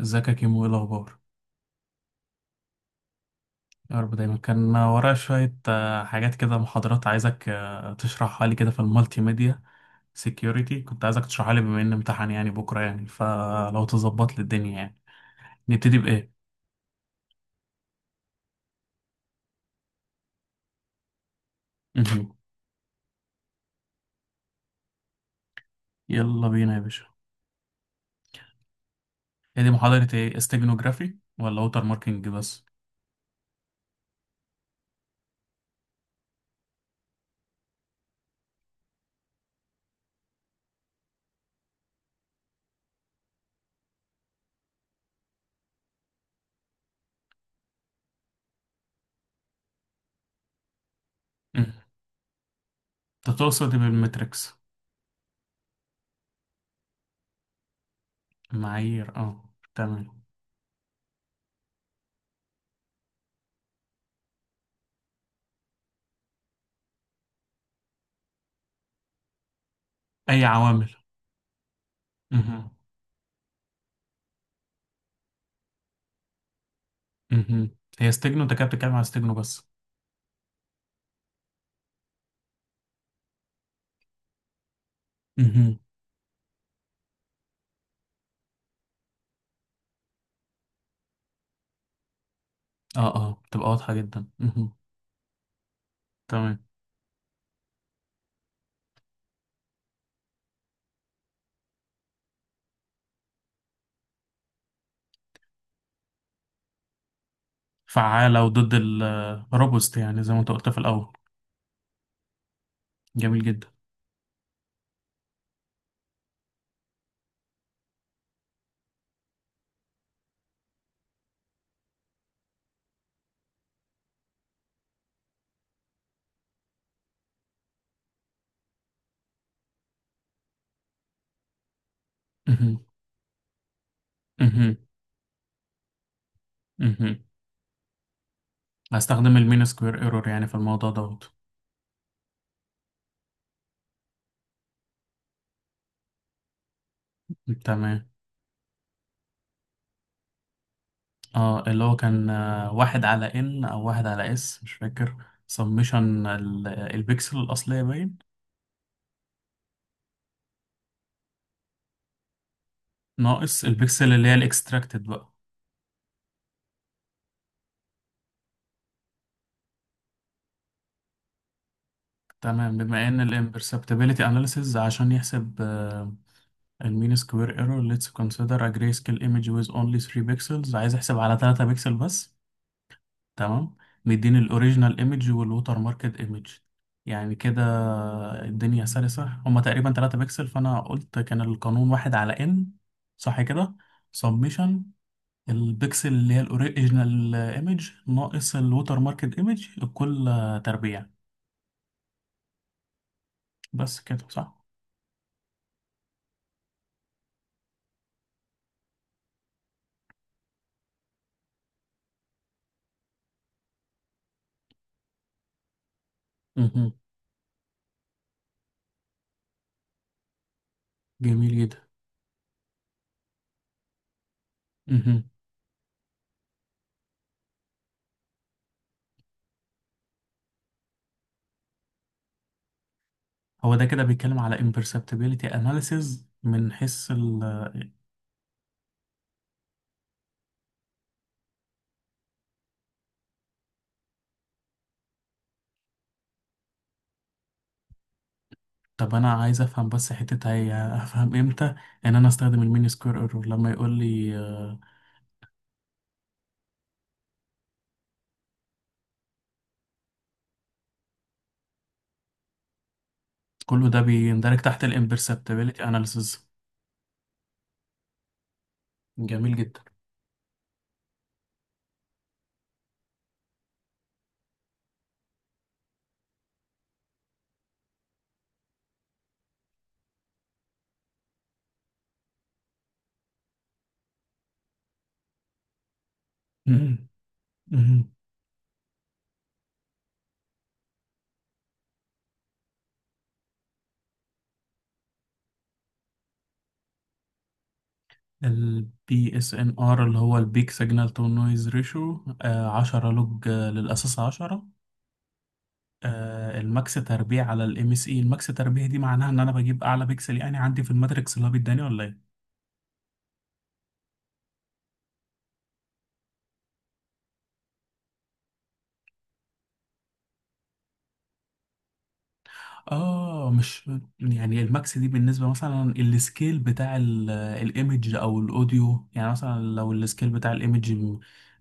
ازيك يا كيمو؟ ايه الاخبار؟ يا رب دايما. كان ورايا شويه حاجات كده، محاضرات عايزك تشرحها لي كده في المالتي ميديا سيكيوريتي. كنت عايزك تشرحها لي بما ان امتحان يعني بكره، يعني فلو تظبط لي الدنيا يعني. نبتدي بايه؟ مهم. يلا بينا يا باشا. هي دي محاضره ايه، استيجنوجرافي ولا ووتر ماركينج بس؟ مهم. انت تقصد إيه بالمتريكس؟ معايير، اه تمام. اي عوامل. مهم. مهم. هي استيجنو، انت كده بتتكلم على استيجنو بس؟ مهم. اه اه، تبقى واضحه جدا. مهم. تمام، فعالة وضد الروبوست، يعني زي ما انت قلت في الأول. جميل جدا. مهم. مهم. مهم. هستخدم المين سكوير ايرور يعني في الموضوع دوت. تمام. اه، اللي هو كان واحد على ان او واحد على اس، مش فاكر. سمشن البكسل الأصلية باين، ناقص البكسل اللي هي الاكستراكتد بقى. تمام. بما ان الامبرسبتابيلتي اناليسيز عشان يحسب المين سكوير ايرور، ليتس كونسيدر ا جراي سكيل ايمج ويز اونلي 3 بيكسلز. عايز احسب على 3 بيكسل بس. تمام. مديني الاوريجينال ايمج والوتر ماركت ايمج، يعني كده الدنيا سلسة. هما تقريبا 3 بكسل، فانا قلت كان القانون واحد على ان، صح كده؟ سبميشن البكسل اللي هي الاوريجينال ايمج ناقص الوتر ماركت ايمج الكل تربيع. بس كده صح؟ مهم. جميل جدا. مهم. هو ده كده بيتكلم على imperceptibility analysis، من حيث؟ طب انا عايز افهم بس حتة، هي افهم امتى ان انا استخدم المين سكوير ايرور لما يقول لي كله ده بيندرج تحت الامبرسبتابيلتي اناليسيز. جميل جدا. البي اس ان ار، اللي هو البيك سيجنال تو نويز ريشيو، 10 لوج للاساس 10. الماكس تربيع على الام اس اي. الماكس تربيع دي معناها ان انا بجيب اعلى بيكسل يعني عندي في الماتريكس، اللي هو بيداني ولا إيه؟ اه مش. يعني الماكس دي بالنسبه مثلا السكيل بتاع الايمج او الاوديو، يعني مثلا لو السكيل بتاع الايمج م-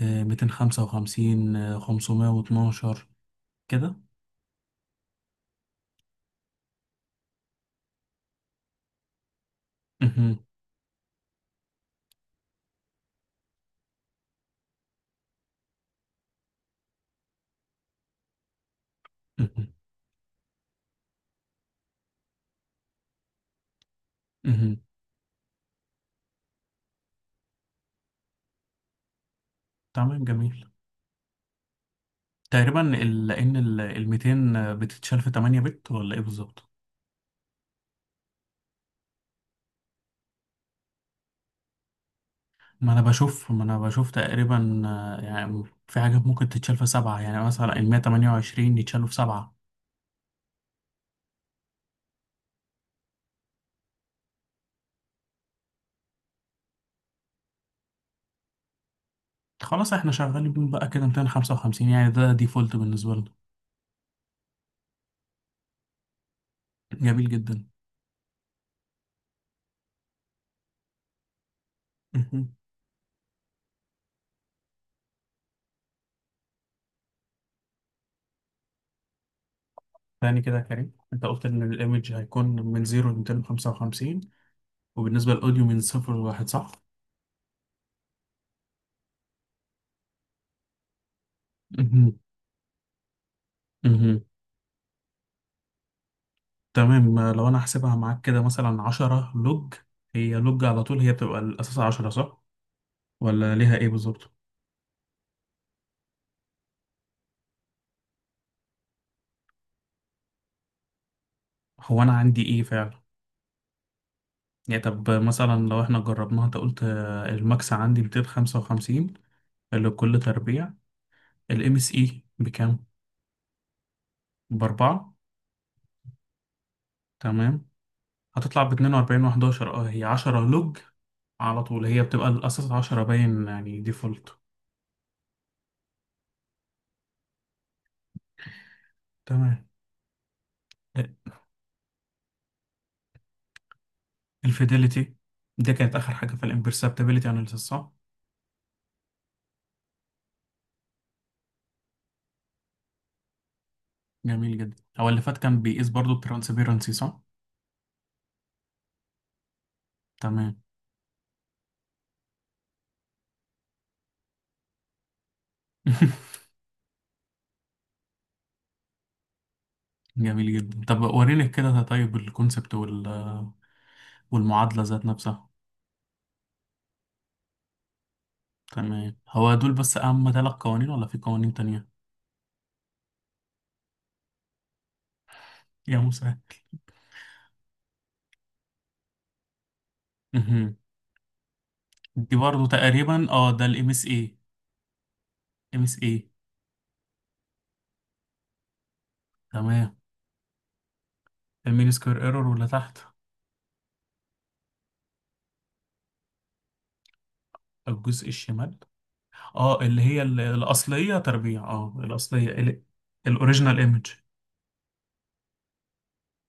آه، 255، 512 كده. مهم، مهم، مهم. تمام، جميل. تقريبا لان ال 200 بتتشال في 8 بت ولا ايه بالظبط؟ ما انا بشوف تقريبا يعني في حاجات ممكن تتشال في سبعة، يعني مثلا ال 128 يتشالوا في سبعة. خلاص احنا شغالين بيهم بقى كده 255، يعني ده ديفولت بالنسبة لنا. جميل جدا. مهم. تاني كده يا كريم، انت قلت ان الايمج هيكون من 0 ل 255، وبالنسبة للاوديو من 0 ل 1، صح؟ مهم. مهم. تمام. لو انا هحسبها معاك كده، مثلا 10 لوج. هي لوج على طول هي بتبقى الاساس 10، صح؟ ولا ليها ايه بالظبط؟ هو انا عندي ايه فعلا؟ يعني طب مثلا لو احنا جربناها، انت قلت الماكس عندي 255، اللي بكل تربيع. الام اس اي بكام؟ بأربعة. تمام. هتطلع باتنين وأربعين وحداشر. اه، هي عشرة لوج على طول، هي بتبقى الأساس عشرة باين، يعني ديفولت. تمام. الفيديليتي دي كانت آخر حاجة في الامبرسبتابيلتي أناليسيس، صح؟ جميل جدا. هو اللي فات كان بيقيس برضو الترانسبيرنسي، صح؟ تمام. جميل جدا. طب وريني كده ده. طيب الكونسبت وال، والمعادلة ذات نفسها. تمام. هو دول بس أهم ثلاث قوانين، ولا في قوانين تانية؟ يا مسهل. مهم. دي برضو تقريبا اه، ده الام اس اي، ام اس ايه؟ تمام، المين سكوير ايرور. ولا تحت، الجزء الشمال؟ اه، اللي هي الاصليه تربيع. اه، الاصليه، الاوريجينال ايمج.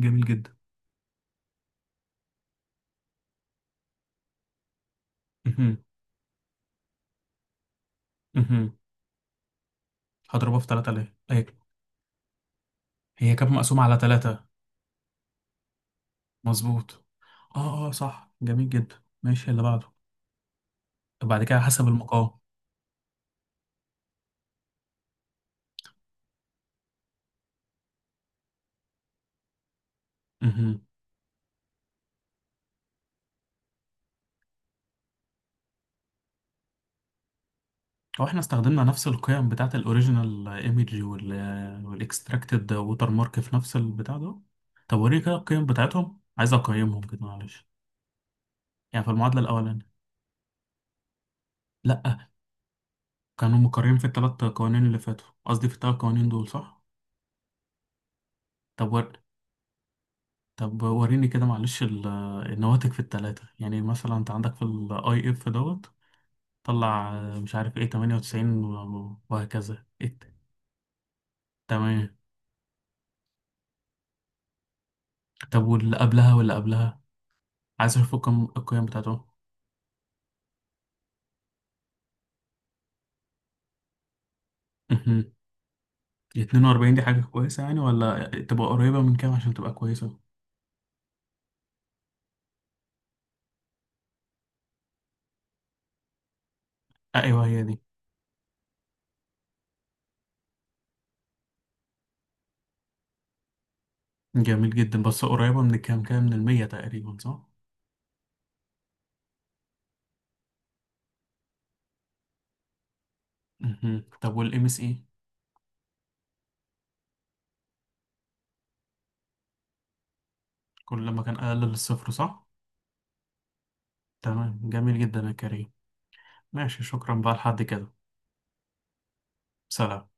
جميل جدا. مهم. مهم. هضربها في 3000؟ ايوه. هي كانت مقسومه على 3. مظبوط. اه اه صح، جميل جدا. ماشي، اللي بعده. بعد كده حسب المقام. مهم. هو احنا استخدمنا نفس القيم بتاعت الاوريجينال ايمج والاكستراكتد ووتر مارك في نفس البتاع ده؟ طب وريني كده القيم بتاعتهم، عايز اقيمهم كده معلش. يعني في المعادلة الأولانية. لأ، كانوا مكررين في التلات قوانين اللي فاتوا، قصدي في التلات قوانين دول، صح؟ طب ور... طب وريني كده معلش النواتج في التلاتة، يعني مثلا أنت عندك في ال IF دوت، طلع مش عارف إيه 98 وهكذا إيه. تمام. طب واللي قبلها عايز أشوف القيم بتاعتهم. مهم. 42 دي حاجة كويسة يعني، ولا تبقى قريبة من كام عشان تبقى كويسة؟ أيوه هي دي. جميل جدا، بس قريبة من كام، كام من المية تقريبا، صح؟ مهم. طب والام اس اي؟ كل ما كان اقل للصفر، صح. تمام، جميل جدا يا كريم. ماشي، شكرا بقى لحد كده. سلام.